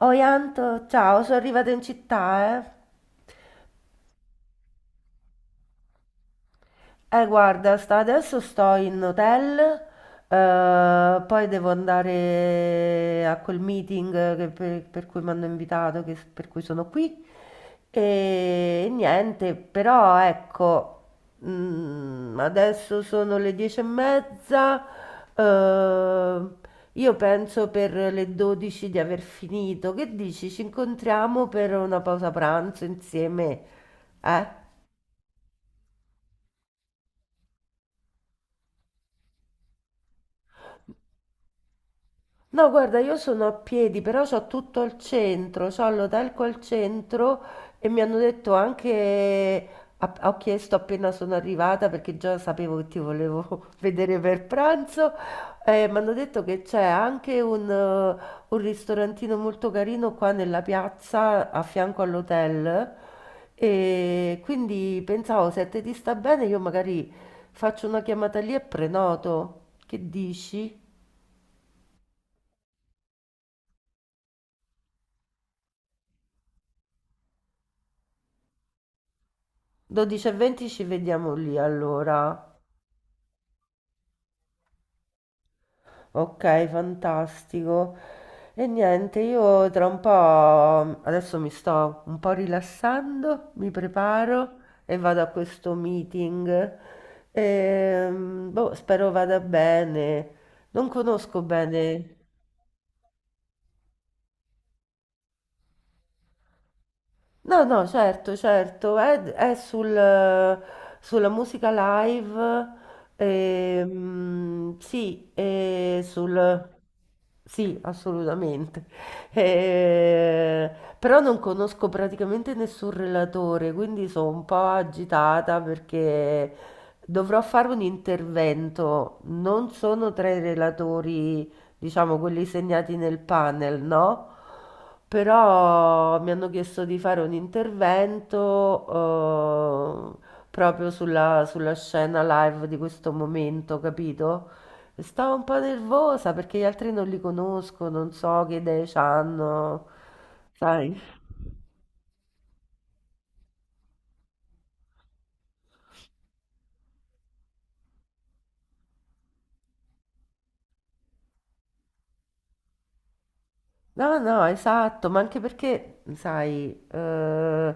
Oi Anto, ciao, sono arrivata in città, eh. Guarda, adesso sto in hotel, poi devo andare a quel meeting per cui mi hanno invitato, per cui sono qui. E niente, però ecco, adesso sono le dieci e mezza, eh, io penso per le 12 di aver finito. Che dici? Ci incontriamo per una pausa pranzo insieme, eh? No, guarda, io sono a piedi, però so tutto il centro, so Lodalco al centro e mi hanno detto anche, ho chiesto appena sono arrivata perché già sapevo che ti volevo vedere per pranzo. Mi hanno detto che c'è anche un ristorantino molto carino qua nella piazza a fianco all'hotel, e quindi pensavo se a te ti sta bene io magari faccio una chiamata lì e prenoto, che dici? 12:20 ci vediamo lì allora. Ok, fantastico. E niente, io tra un po' adesso mi sto un po' rilassando, mi preparo e vado a questo meeting. Boh, spero vada bene. Non conosco bene. No, no, certo, certo, è sulla musica live, sì, e sul. Sì, assolutamente. Eh, però non conosco praticamente nessun relatore, quindi sono un po' agitata perché dovrò fare un intervento. Non sono tra i relatori, diciamo quelli segnati nel panel, no? Però mi hanno chiesto di fare un intervento proprio sulla scena live di questo momento, capito? E stavo un po' nervosa perché gli altri non li conosco, non so che idee hanno, sai? No, no, no, esatto, ma anche perché, sai,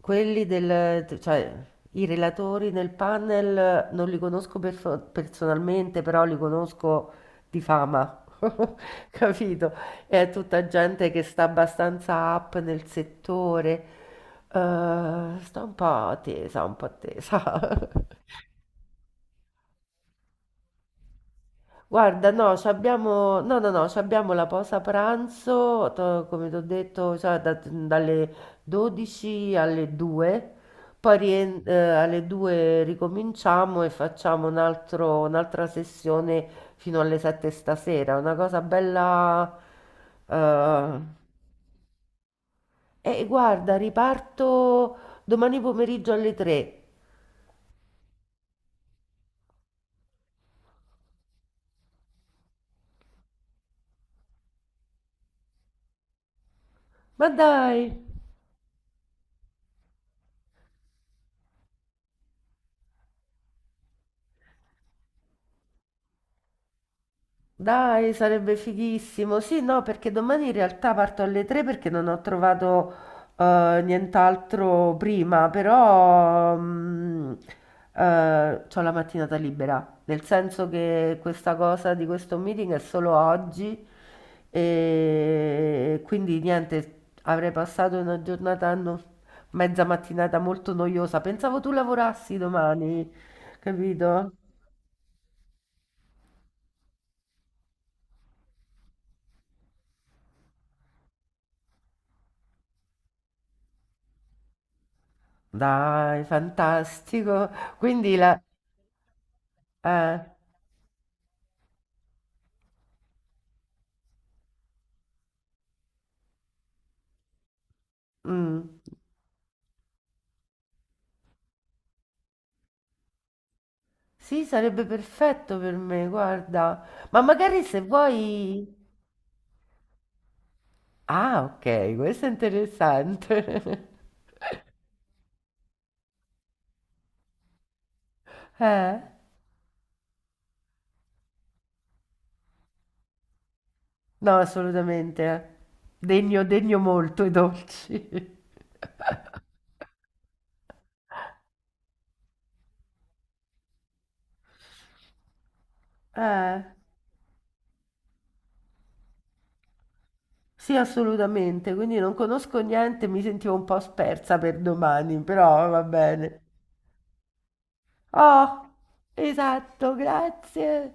quelli del, cioè, i relatori nel panel non li conosco personalmente, però li conosco di fama, capito? È tutta gente che sta abbastanza up nel settore, sta un po' tesa, un po' tesa. Guarda, no, no, no, no, ci abbiamo la pausa pranzo, come ti ho detto, cioè, dalle 12 alle 2, poi alle 2 ricominciamo e facciamo un'altra sessione fino alle 7 stasera, una cosa bella. eh, E guarda, riparto domani pomeriggio alle 3. Ma dai! Dai, sarebbe fighissimo. Sì, no, perché domani in realtà parto alle 3 perché non ho trovato nient'altro prima, però c'ho la mattinata libera, nel senso che questa cosa di questo meeting è solo oggi e quindi niente, avrei passato una giornata, mezza mattinata molto noiosa. Pensavo tu lavorassi domani, capito? Dai, fantastico. Quindi la. eh, mm. Sì, sarebbe perfetto per me, guarda. Ma magari se vuoi. Ah, ok, questo è interessante. Eh? No, assolutamente. Degno, degno molto i dolci. Eh, sì, assolutamente. Quindi non conosco niente, mi sentivo un po' spersa per domani, però va bene. Oh, esatto, grazie.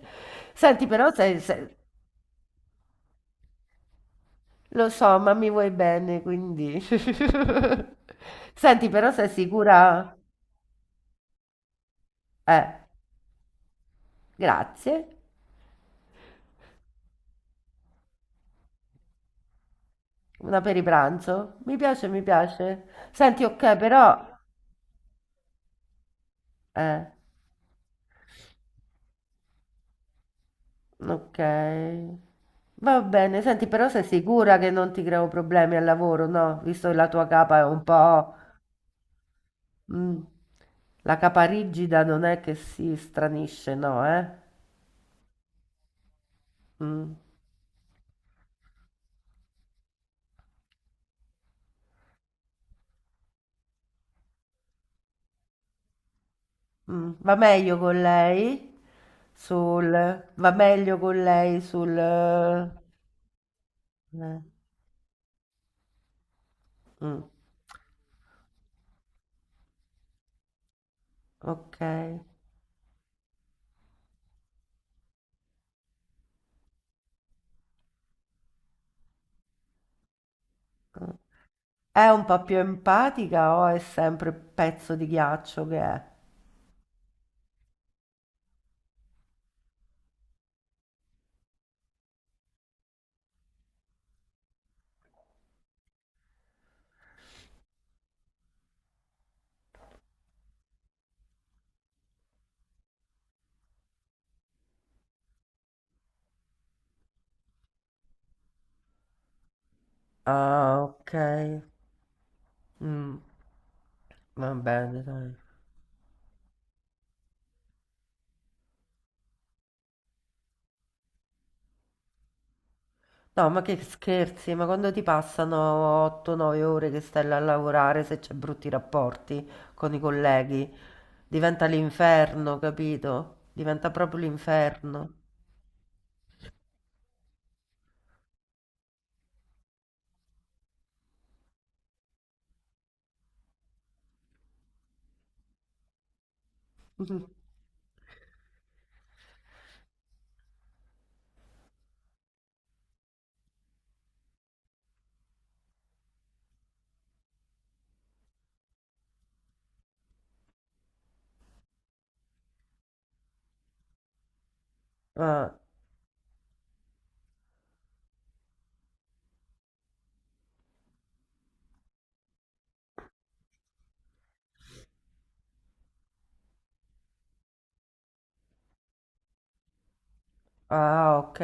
Senti, però sei, sei- lo so, ma mi vuoi bene, quindi. Senti, però sei sicura? Eh, grazie. Una per i pranzo? Mi piace, mi piace. Senti, ok, però. Eh, ok. Va bene, senti, però sei sicura che non ti creo problemi al lavoro, no? Visto che la tua capa è un po'. Mh. La caparigida non è che si stranisce, no, eh? Mh, Va meglio con lei? Sul va meglio con lei sul mh, okay. È un po' più empatica o è sempre pezzo di ghiaccio che è? Ah, okay. Mh, va bene, dai. No, ma che scherzi, ma quando ti passano 8-9 ore che stai là a lavorare, se c'è brutti rapporti con i colleghi diventa l'inferno, capito? Diventa proprio l'inferno. Ah, ah, ok.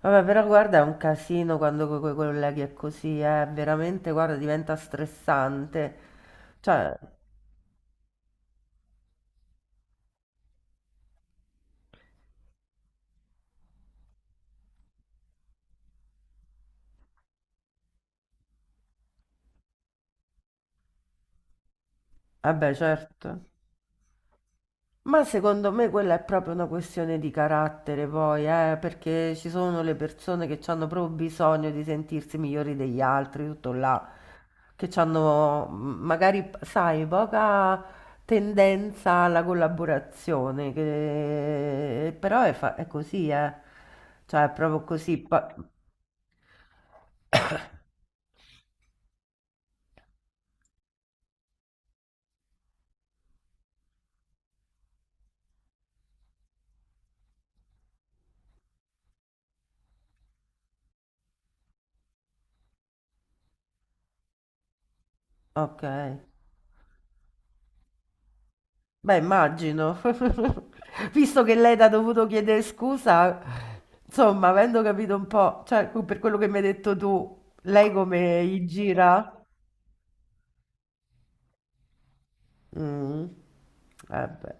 Vabbè, però guarda, è un casino quando con i colleghi è così, veramente, guarda, diventa stressante. Cioè, vabbè, certo. Ma secondo me quella è proprio una questione di carattere, poi, perché ci sono le persone che hanno proprio bisogno di sentirsi migliori degli altri, tutto là, che hanno magari, sai, poca tendenza alla collaborazione, però è così, eh. Cioè, è proprio così. Ok. Beh, immagino. Visto che lei t'ha dovuto chiedere scusa, insomma, avendo capito un po', cioè, per quello che mi hai detto tu, lei come gli gira? Mm. Eh beh.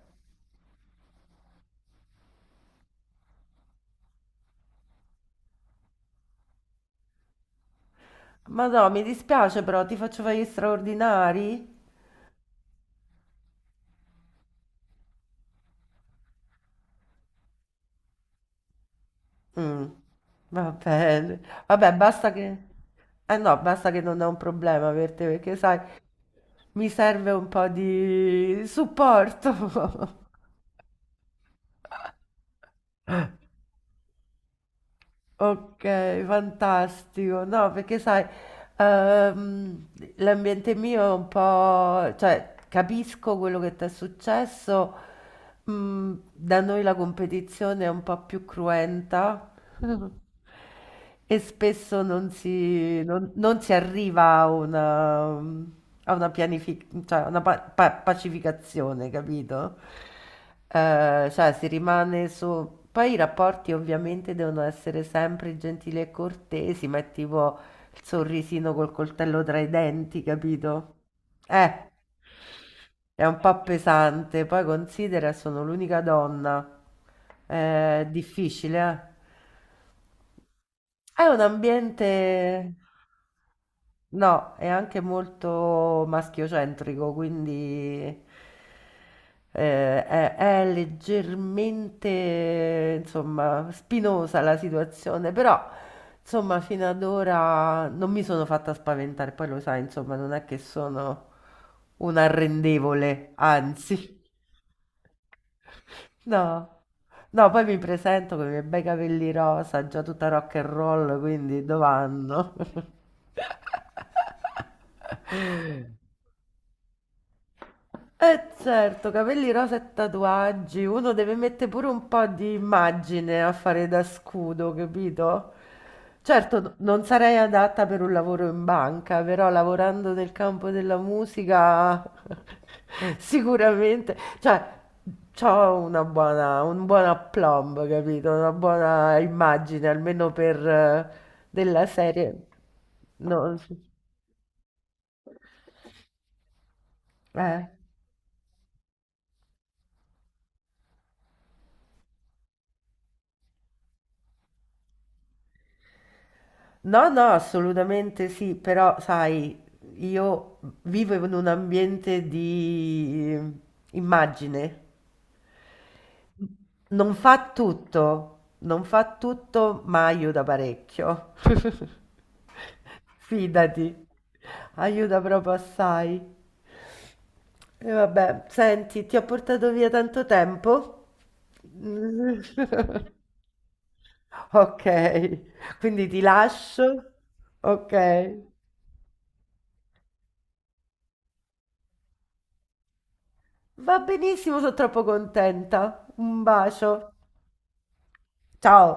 Ma no, mi dispiace però, ti faccio fare gli straordinari? Mm. Va bene. Vabbè, basta che. Eh no, basta che non è un problema per te, perché sai, mi serve un po' di supporto. Okay, fantastico. No, perché sai, ehm, l'ambiente mio è un po', cioè capisco quello che ti è successo. Da noi la competizione è un po' più cruenta. E spesso non si arriva a una, cioè, a una pacificazione, capito? Cioè si rimane su. Poi i rapporti ovviamente devono essere sempre gentili e cortesi, ma è tipo il sorrisino col coltello tra i denti, capito? Eh, è un po' pesante. Poi considera, sono l'unica donna. È difficile, eh? È un ambiente, no, è anche molto maschiocentrico, quindi è leggermente, insomma, spinosa la situazione, però, insomma, fino ad ora non mi sono fatta spaventare, poi lo sai, insomma, non è che sono un arrendevole, anzi. No, no, poi mi presento con i miei bei capelli rosa, già tutta rock and roll, quindi dov'anno? Eh certo, capelli rosa e tatuaggi, uno deve mettere pure un po' di immagine a fare da scudo, capito? Certo, non sarei adatta per un lavoro in banca, però lavorando nel campo della musica sicuramente, cioè, c'ho un buon aplomb, capito? Una buona immagine, almeno per della serie. No, sì. eh. No, no, assolutamente sì, però sai, io vivo in un ambiente di immagine. Non fa tutto, non fa tutto, ma aiuta parecchio. Fidati, aiuta proprio assai. E vabbè, senti, ti ho portato via tanto tempo. Ok, quindi ti lascio. Ok. Va benissimo, sono troppo contenta. Un bacio. Ciao.